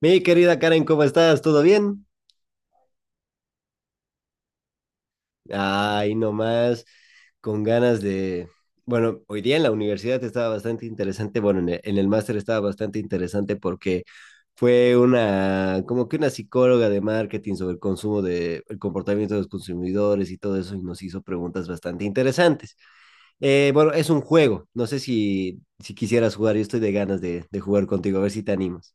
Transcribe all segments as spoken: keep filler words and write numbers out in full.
Mi querida Karen, ¿cómo estás? ¿Todo bien? Ay, nomás, con ganas de... Bueno, hoy día en la universidad estaba bastante interesante, bueno, en el, en el máster estaba bastante interesante porque fue una, como que una psicóloga de marketing sobre el consumo de, el comportamiento de los consumidores y todo eso y nos hizo preguntas bastante interesantes. Eh, bueno, es un juego, no sé si, si quisieras jugar, yo estoy de ganas de, de jugar contigo, a ver si te animas.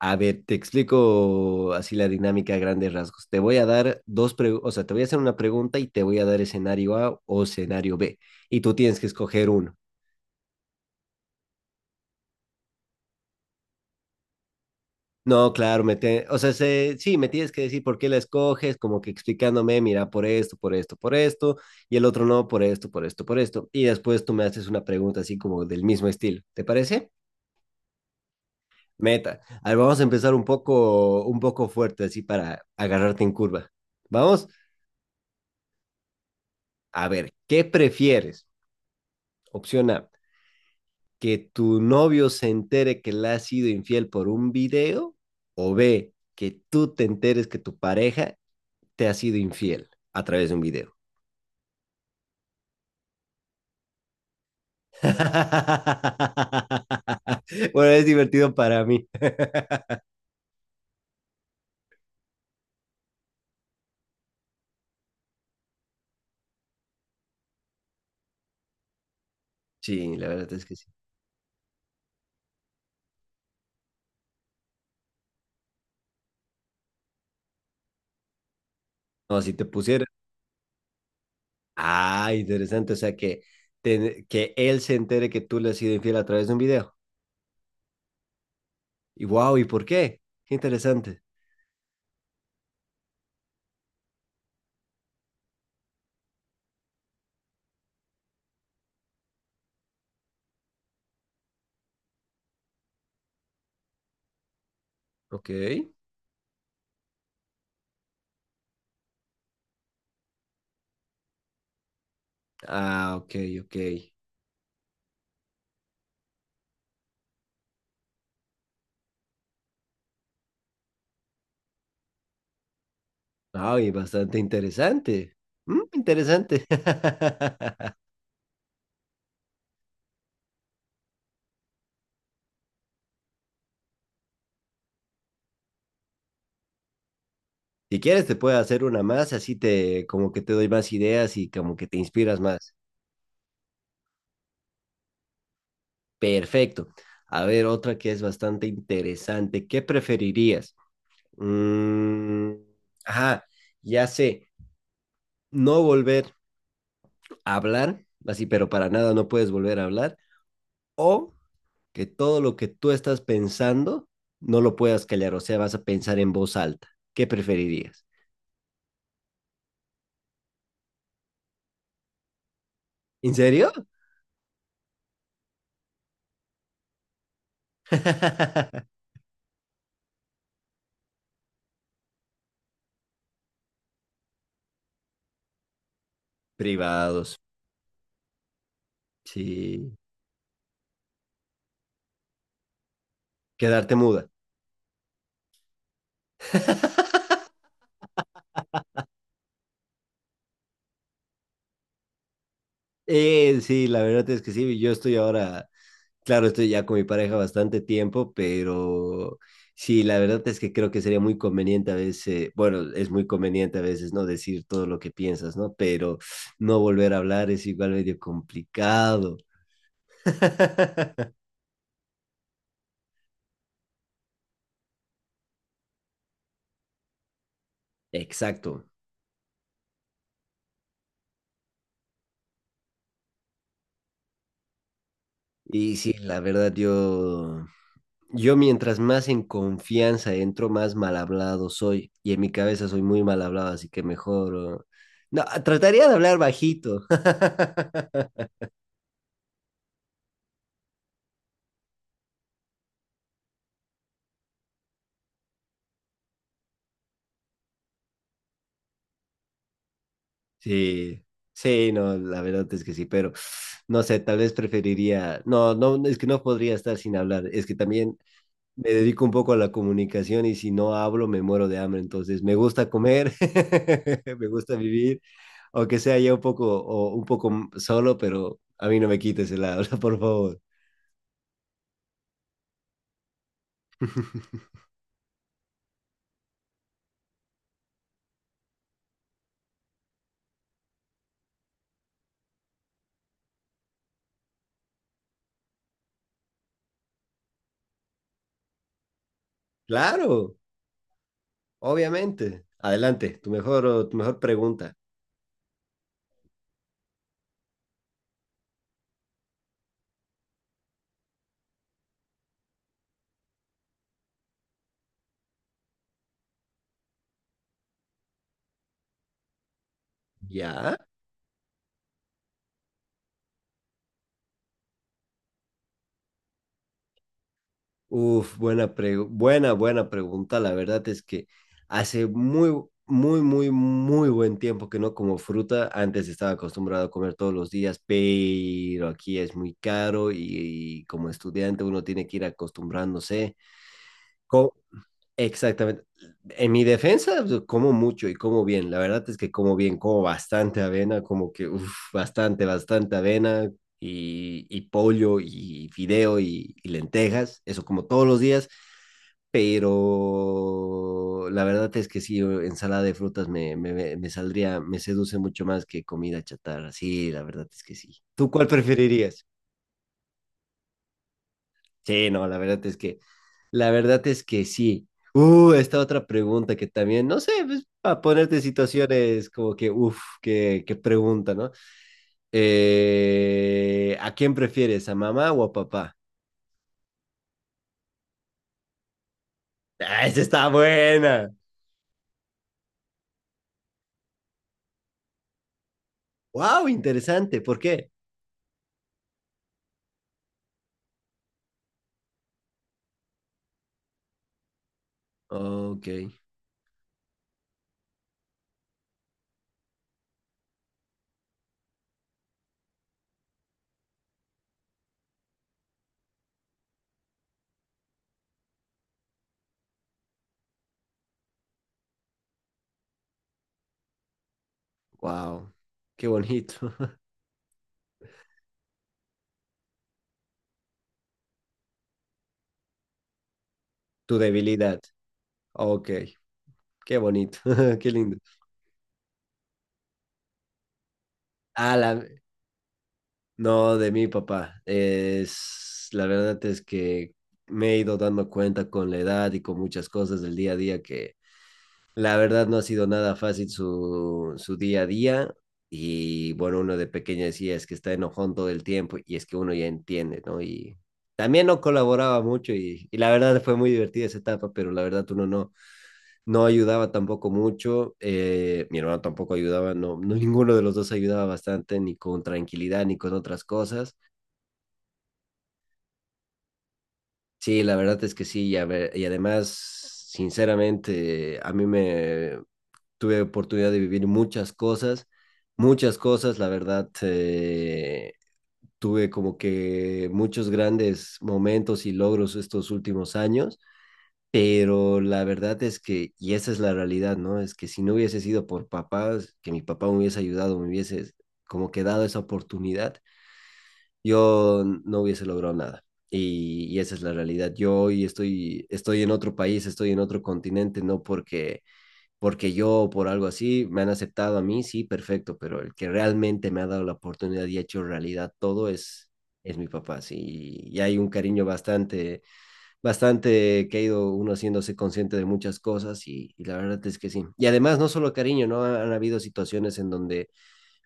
A ver, te explico así la dinámica a grandes rasgos. Te voy a dar dos preguntas, o sea, te voy a hacer una pregunta y te voy a dar escenario A o escenario B. Y tú tienes que escoger uno. No, claro, me te- o sea, se- sí, me tienes que decir por qué la escoges, como que explicándome, mira, por esto, por esto, por esto, y el otro no, por esto, por esto, por esto. Y después tú me haces una pregunta así como del mismo estilo. ¿Te parece? Meta. A ver, vamos a empezar un poco, un poco fuerte, así para agarrarte en curva. Vamos. A ver, ¿qué prefieres? Opción A, que tu novio se entere que le has sido infiel por un video. O B, que tú te enteres que tu pareja te ha sido infiel a través de un video. Bueno, es divertido para mí. Sí, la verdad es que sí. No, si te pusiera... Ah, interesante. O sea, que, te- que él se entere que tú le has sido infiel a través de un video. Y wow, ¿y por qué? Qué interesante. Ok. Ah, ok, ok. Ay, bastante interesante. Mm, interesante. Si quieres, te puedo hacer una más, así te como que te doy más ideas y como que te inspiras más. Perfecto. A ver, otra que es bastante interesante. ¿Qué preferirías? Mm, ajá, ya sé, no volver a hablar, así, pero para nada no puedes volver a hablar, o que todo lo que tú estás pensando no lo puedas callar, o sea, vas a pensar en voz alta. ¿Qué preferirías? ¿En serio? Privados, sí. Quedarte muda. Eh, sí, la verdad es que sí, yo estoy ahora, claro, estoy ya con mi pareja bastante tiempo, pero sí, la verdad es que creo que sería muy conveniente a veces, bueno, es muy conveniente a veces no decir todo lo que piensas, ¿no? Pero no volver a hablar es igual medio complicado. Exacto. Y sí, la verdad, yo, yo mientras más en confianza entro, más mal hablado soy. Y en mi cabeza soy muy mal hablado, así que mejor... oh, no, trataría de hablar bajito. Sí, sí, no, la verdad es que sí, pero no sé, tal vez preferiría... No, no, es que no podría estar sin hablar. Es que también me dedico un poco a la comunicación y si no hablo me muero de hambre, entonces me gusta comer, me gusta vivir, aunque sea ya un poco o un poco m- solo, pero a mí no me quites el habla, por favor. Claro, obviamente. Adelante, tu mejor tu mejor pregunta. ¿Ya? Uf, buena pre- buena, buena pregunta. La verdad es que hace muy, muy, muy, muy buen tiempo que no como fruta. Antes estaba acostumbrado a comer todos los días, pero aquí es muy caro y, y como estudiante uno tiene que ir acostumbrándose. Exactamente. En mi defensa, pues, como mucho y como bien. La verdad es que como bien, como bastante avena, como que uf, bastante, bastante avena y, y pollo y fideo y, y lentejas, eso como todos los días. Pero la verdad es que sí, ensalada de frutas me, me, me- me saldría, me seduce mucho más que comida chatarra. Sí, la verdad es que sí. ¿Tú cuál preferirías? Sí, no, la verdad es que, la verdad es que sí. Uh, esta otra pregunta que también, no sé, pues, para ponerte en situaciones como que, uff, qué, qué pregunta, ¿no? Eh, ¿a quién prefieres, a mamá o a papá? Ah, esa está buena. Wow, interesante. ¿Por qué? Ok, wow, qué bonito. Tu debilidad. Ok, qué bonito, qué lindo. Ah, la, No, de mi papá. Es, la verdad es que me he ido dando cuenta con la edad y con muchas cosas del día a día que la verdad no ha sido nada fácil su, su día a día. Y bueno, uno de pequeño decía es que está enojón todo el tiempo y es que uno ya entiende, ¿no? Y también no colaboraba mucho y, y la verdad fue muy divertida esa etapa, pero la verdad uno no, no ayudaba tampoco mucho. Eh, mi hermano tampoco ayudaba, no, no, ninguno de los dos ayudaba bastante, ni con tranquilidad, ni con otras cosas. Sí, la verdad es que sí, y, a ver- y además, sinceramente, a mí me tuve oportunidad de vivir muchas cosas, muchas cosas, la verdad, eh, tuve como que muchos grandes momentos y logros estos últimos años, pero la verdad es que, y esa es la realidad, ¿no? Es que si no hubiese sido por papás, que mi papá me hubiese ayudado, me hubiese como que dado esa oportunidad, yo no hubiese logrado nada. Y, y esa es la realidad. Yo hoy estoy, estoy en otro país, estoy en otro continente, no porque, porque yo o por algo así me han aceptado a mí, sí, perfecto, pero el que realmente me ha dado la oportunidad y ha hecho realidad todo es, es mi papá, sí. Y hay un cariño bastante, bastante que ha ido uno haciéndose consciente de muchas cosas y, y la verdad es que sí. Y además, no solo cariño, ¿no? Han, han habido situaciones en donde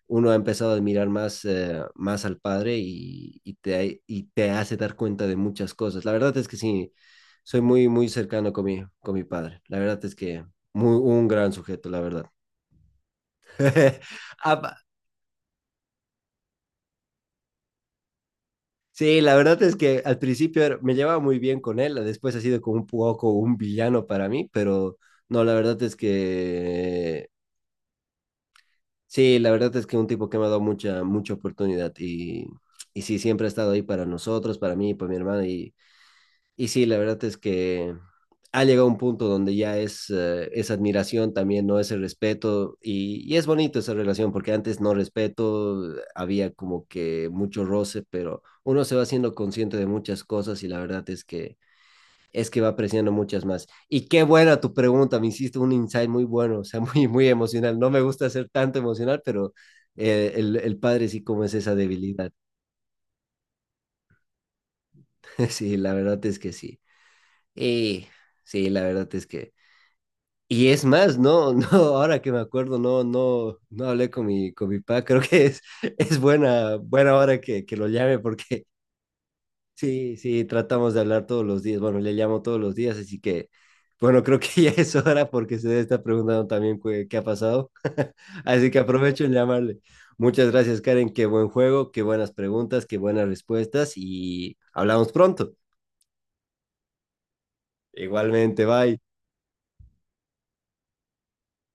uno ha empezado a admirar más, eh, más al padre y, y te, y te hace dar cuenta de muchas cosas. La verdad es que sí, soy muy, muy cercano con mi, con mi padre. La verdad es que muy, un gran sujeto, la verdad. Ah, sí, la verdad es que al principio era- me llevaba muy bien con él, después ha sido como un poco un villano para mí, pero no, la verdad es que sí, la verdad es que un tipo que me ha dado mucha, mucha oportunidad y, y sí, siempre ha estado ahí para nosotros, para mí, para mi hermana y, Y sí, la verdad es que ha llegado un punto donde ya es, eh, es admiración también, no es el respeto, y, y es bonito esa relación, porque antes no respeto, eh, había como que mucho roce, pero uno se va haciendo consciente de muchas cosas y la verdad es que es que va apreciando muchas más. Y qué buena tu pregunta, me hiciste un insight muy bueno, o sea, muy, muy emocional. No me gusta ser tanto emocional, pero eh, el, el padre sí como es esa debilidad. Sí, la verdad es que sí. Y sí, la verdad es que y es más, no, no, ahora que me acuerdo, no, no, no hablé con mi, con mi papá, creo que es, es buena, buena hora que, que lo llame porque sí, sí, tratamos de hablar todos los días, bueno, le llamo todos los días, así que, bueno, creo que ya es hora porque se debe estar preguntando también qué, qué ha pasado, así que aprovecho en llamarle. Muchas gracias, Karen, qué buen juego, qué buenas preguntas, qué buenas respuestas y hablamos pronto. Igualmente, bye.